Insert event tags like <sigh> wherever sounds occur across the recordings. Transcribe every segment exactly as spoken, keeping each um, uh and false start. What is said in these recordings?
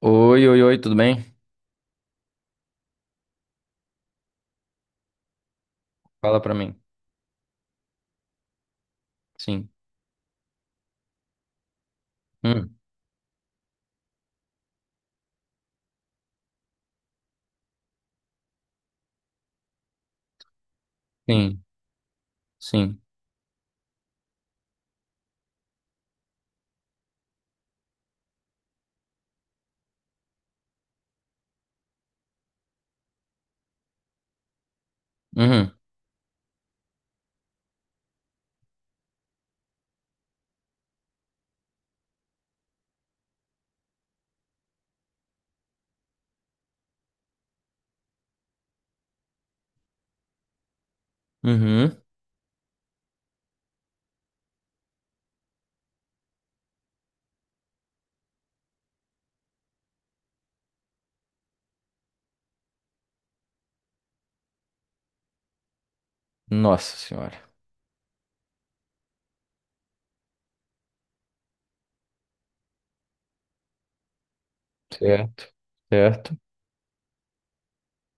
Oi, oi, oi, tudo bem? Fala pra mim. Sim. Hum, sim, sim. Uhum, uhum. Nossa senhora. Certo, certo.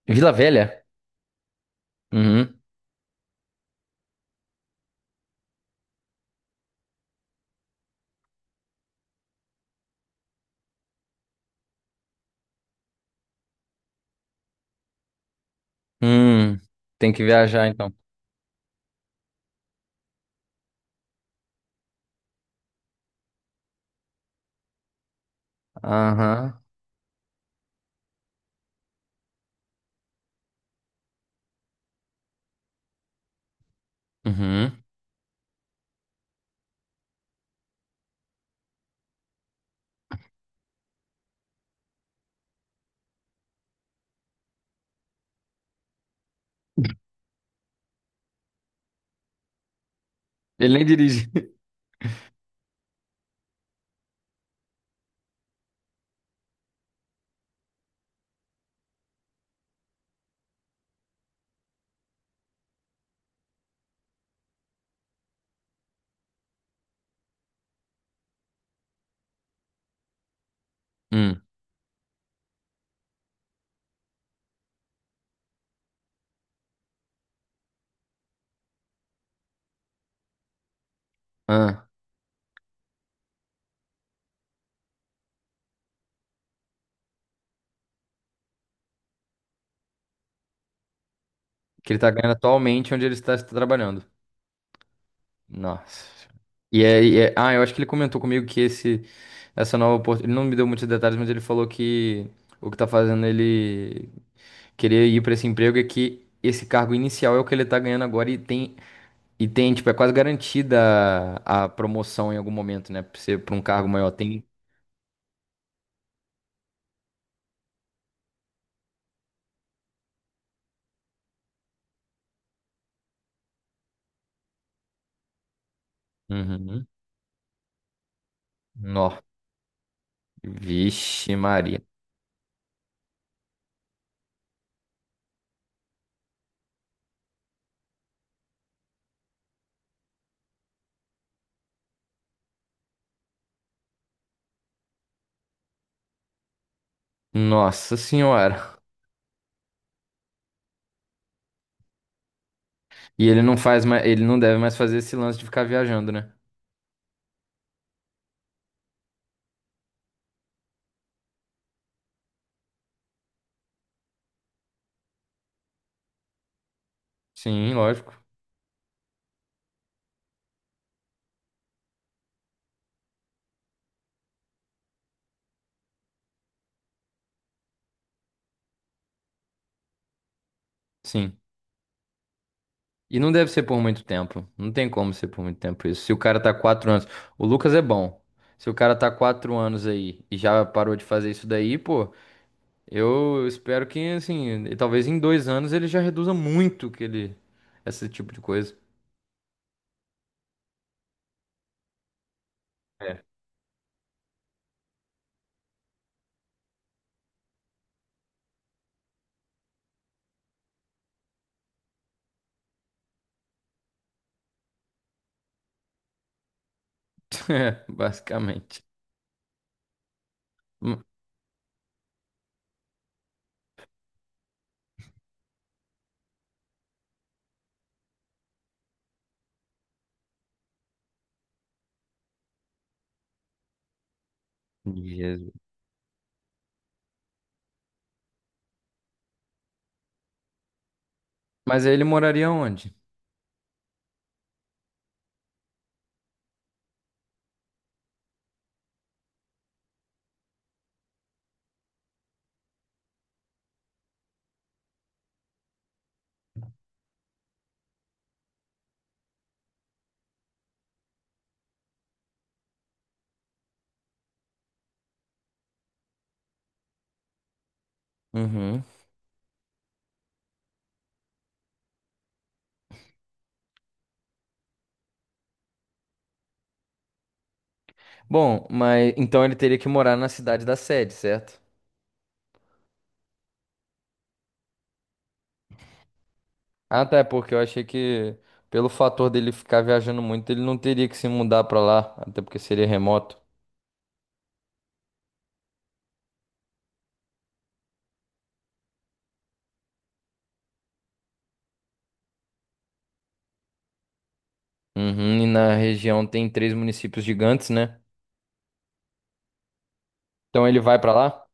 Vila Velha? Uhum. Hum, Tem que viajar então. Aham. Uhum. Ele nem dirige. <laughs> Hum. Ah, que ele tá ganhando atualmente onde ele está, está trabalhando. Nossa. senhora. E é, e é- ah, eu acho que ele comentou comigo que esse, essa nova oportunidade. Ele não me deu muitos detalhes, mas ele falou que o que tá fazendo ele. querer ir para esse emprego é que esse cargo inicial é o que ele tá ganhando agora e tem, e tem, tipo, é quase garantida a, a promoção em algum momento, né? Pra ser para um cargo maior. Tem. Uhum. Nó. Vixe, Maria. Nossa Senhora. E ele não faz mais, ele não deve mais fazer esse lance de ficar viajando, né? Sim, lógico. Sim. E não deve ser por muito tempo. Não tem como ser por muito tempo isso. Se o cara tá quatro anos. O Lucas é bom. Se o cara tá quatro anos aí e já parou de fazer isso daí, pô. Eu espero que, assim, e talvez em dois anos ele já reduza muito que ele, esse tipo de coisa. É. <laughs> É, basicamente. Hum, Jesus. Mas aí ele moraria onde? Uhum. Bom, mas então ele teria que morar na cidade da sede, certo? Ah, tá, é porque eu achei que pelo fator dele ficar viajando muito, ele não teria que se mudar pra lá, até porque seria remoto. Uhum, e na região tem três municípios gigantes, né? Então ele vai pra lá?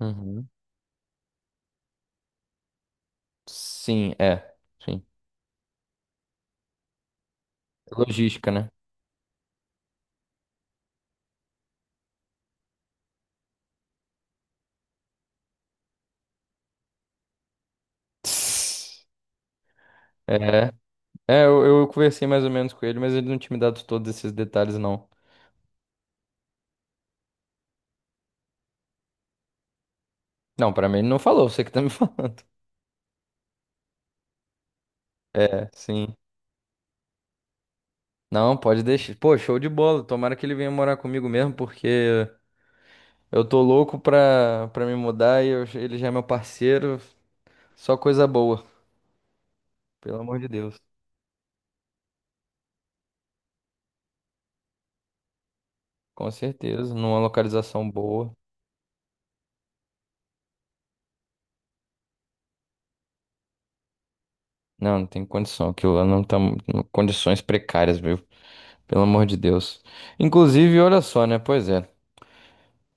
Uhum. Sim, é. Sim. Logística, né? É, é, eu, eu conversei mais ou menos com ele, mas ele não tinha me dado todos esses detalhes, não. Não, pra mim ele não falou, você que tá me <laughs> falando. É, sim. Não, pode deixar. Pô, show de bola. Tomara que ele venha morar comigo mesmo, porque eu tô louco pra, pra me mudar e eu- ele já é meu parceiro. Só coisa boa, pelo amor de Deus. Com certeza, numa localização boa. Não, não tem condição. Aquilo lá não tá em condições precárias, viu? Pelo amor de Deus. Inclusive, olha só, né? Pois é.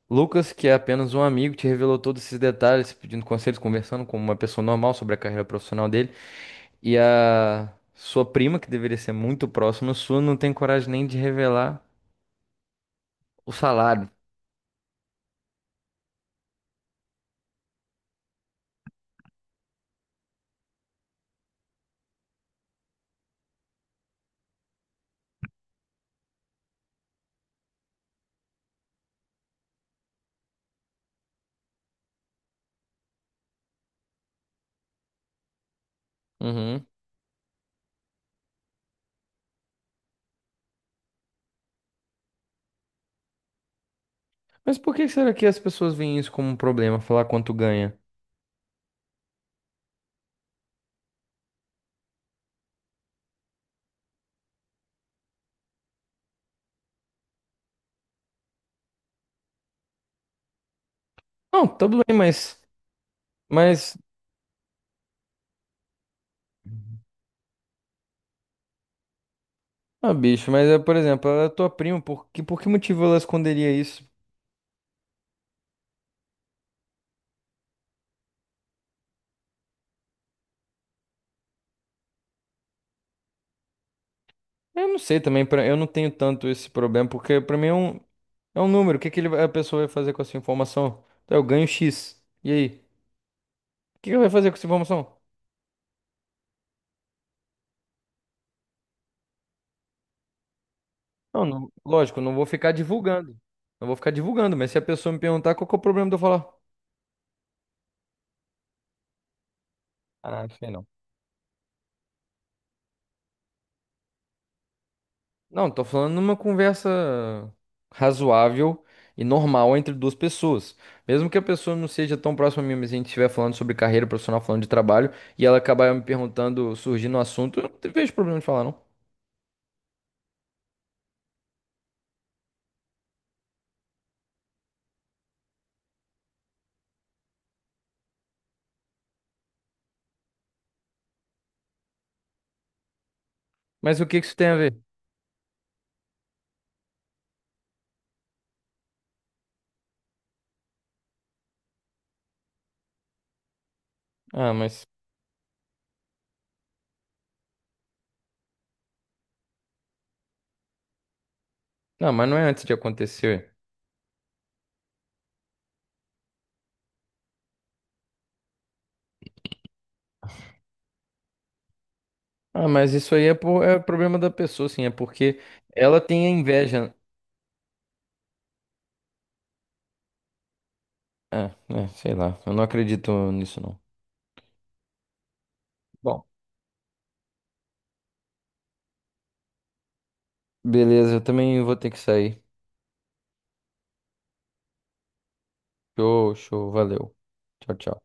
Lucas, que é apenas um amigo, te revelou todos esses detalhes, pedindo conselhos, conversando como uma pessoa normal sobre a carreira profissional dele. E a sua prima, que deveria ser muito próxima sua, não tem coragem nem de revelar o salário. Uhum. Mas por que será que as pessoas veem isso como um problema, falar quanto ganha? Não, tá tudo bem, mas, mas, ah, bicho, mas é, por exemplo, ela é tua prima, por que, por que motivo ela esconderia isso? Eu não sei também, pra- eu não tenho tanto esse problema, porque pra mim é um, é um número. O que que ele vai- a pessoa vai fazer com essa informação? Então, eu ganho X. E aí? O que que vai fazer com essa informação? Não, não- lógico, eu não vou ficar divulgando. Não vou ficar divulgando, mas se a pessoa me perguntar, qual que é o problema de eu falar? Ah, não, isso aí não. Não, tô falando numa conversa razoável e normal entre duas pessoas. Mesmo que a pessoa não seja tão próxima a mim, mas a gente estiver falando sobre carreira profissional, falando de trabalho, e ela acabar me perguntando, surgindo um assunto, eu não vejo problema de falar, não. Mas o que que isso tem a ver? Ah, mas. Não, mas não é antes de acontecer. Ah, mas isso aí é, por... é problema da pessoa, sim. É porque ela tem a inveja. Ah, é, sei lá. Eu não acredito nisso, não. Bom, beleza. Eu também vou ter que sair. Show, show. Valeu. Tchau, tchau.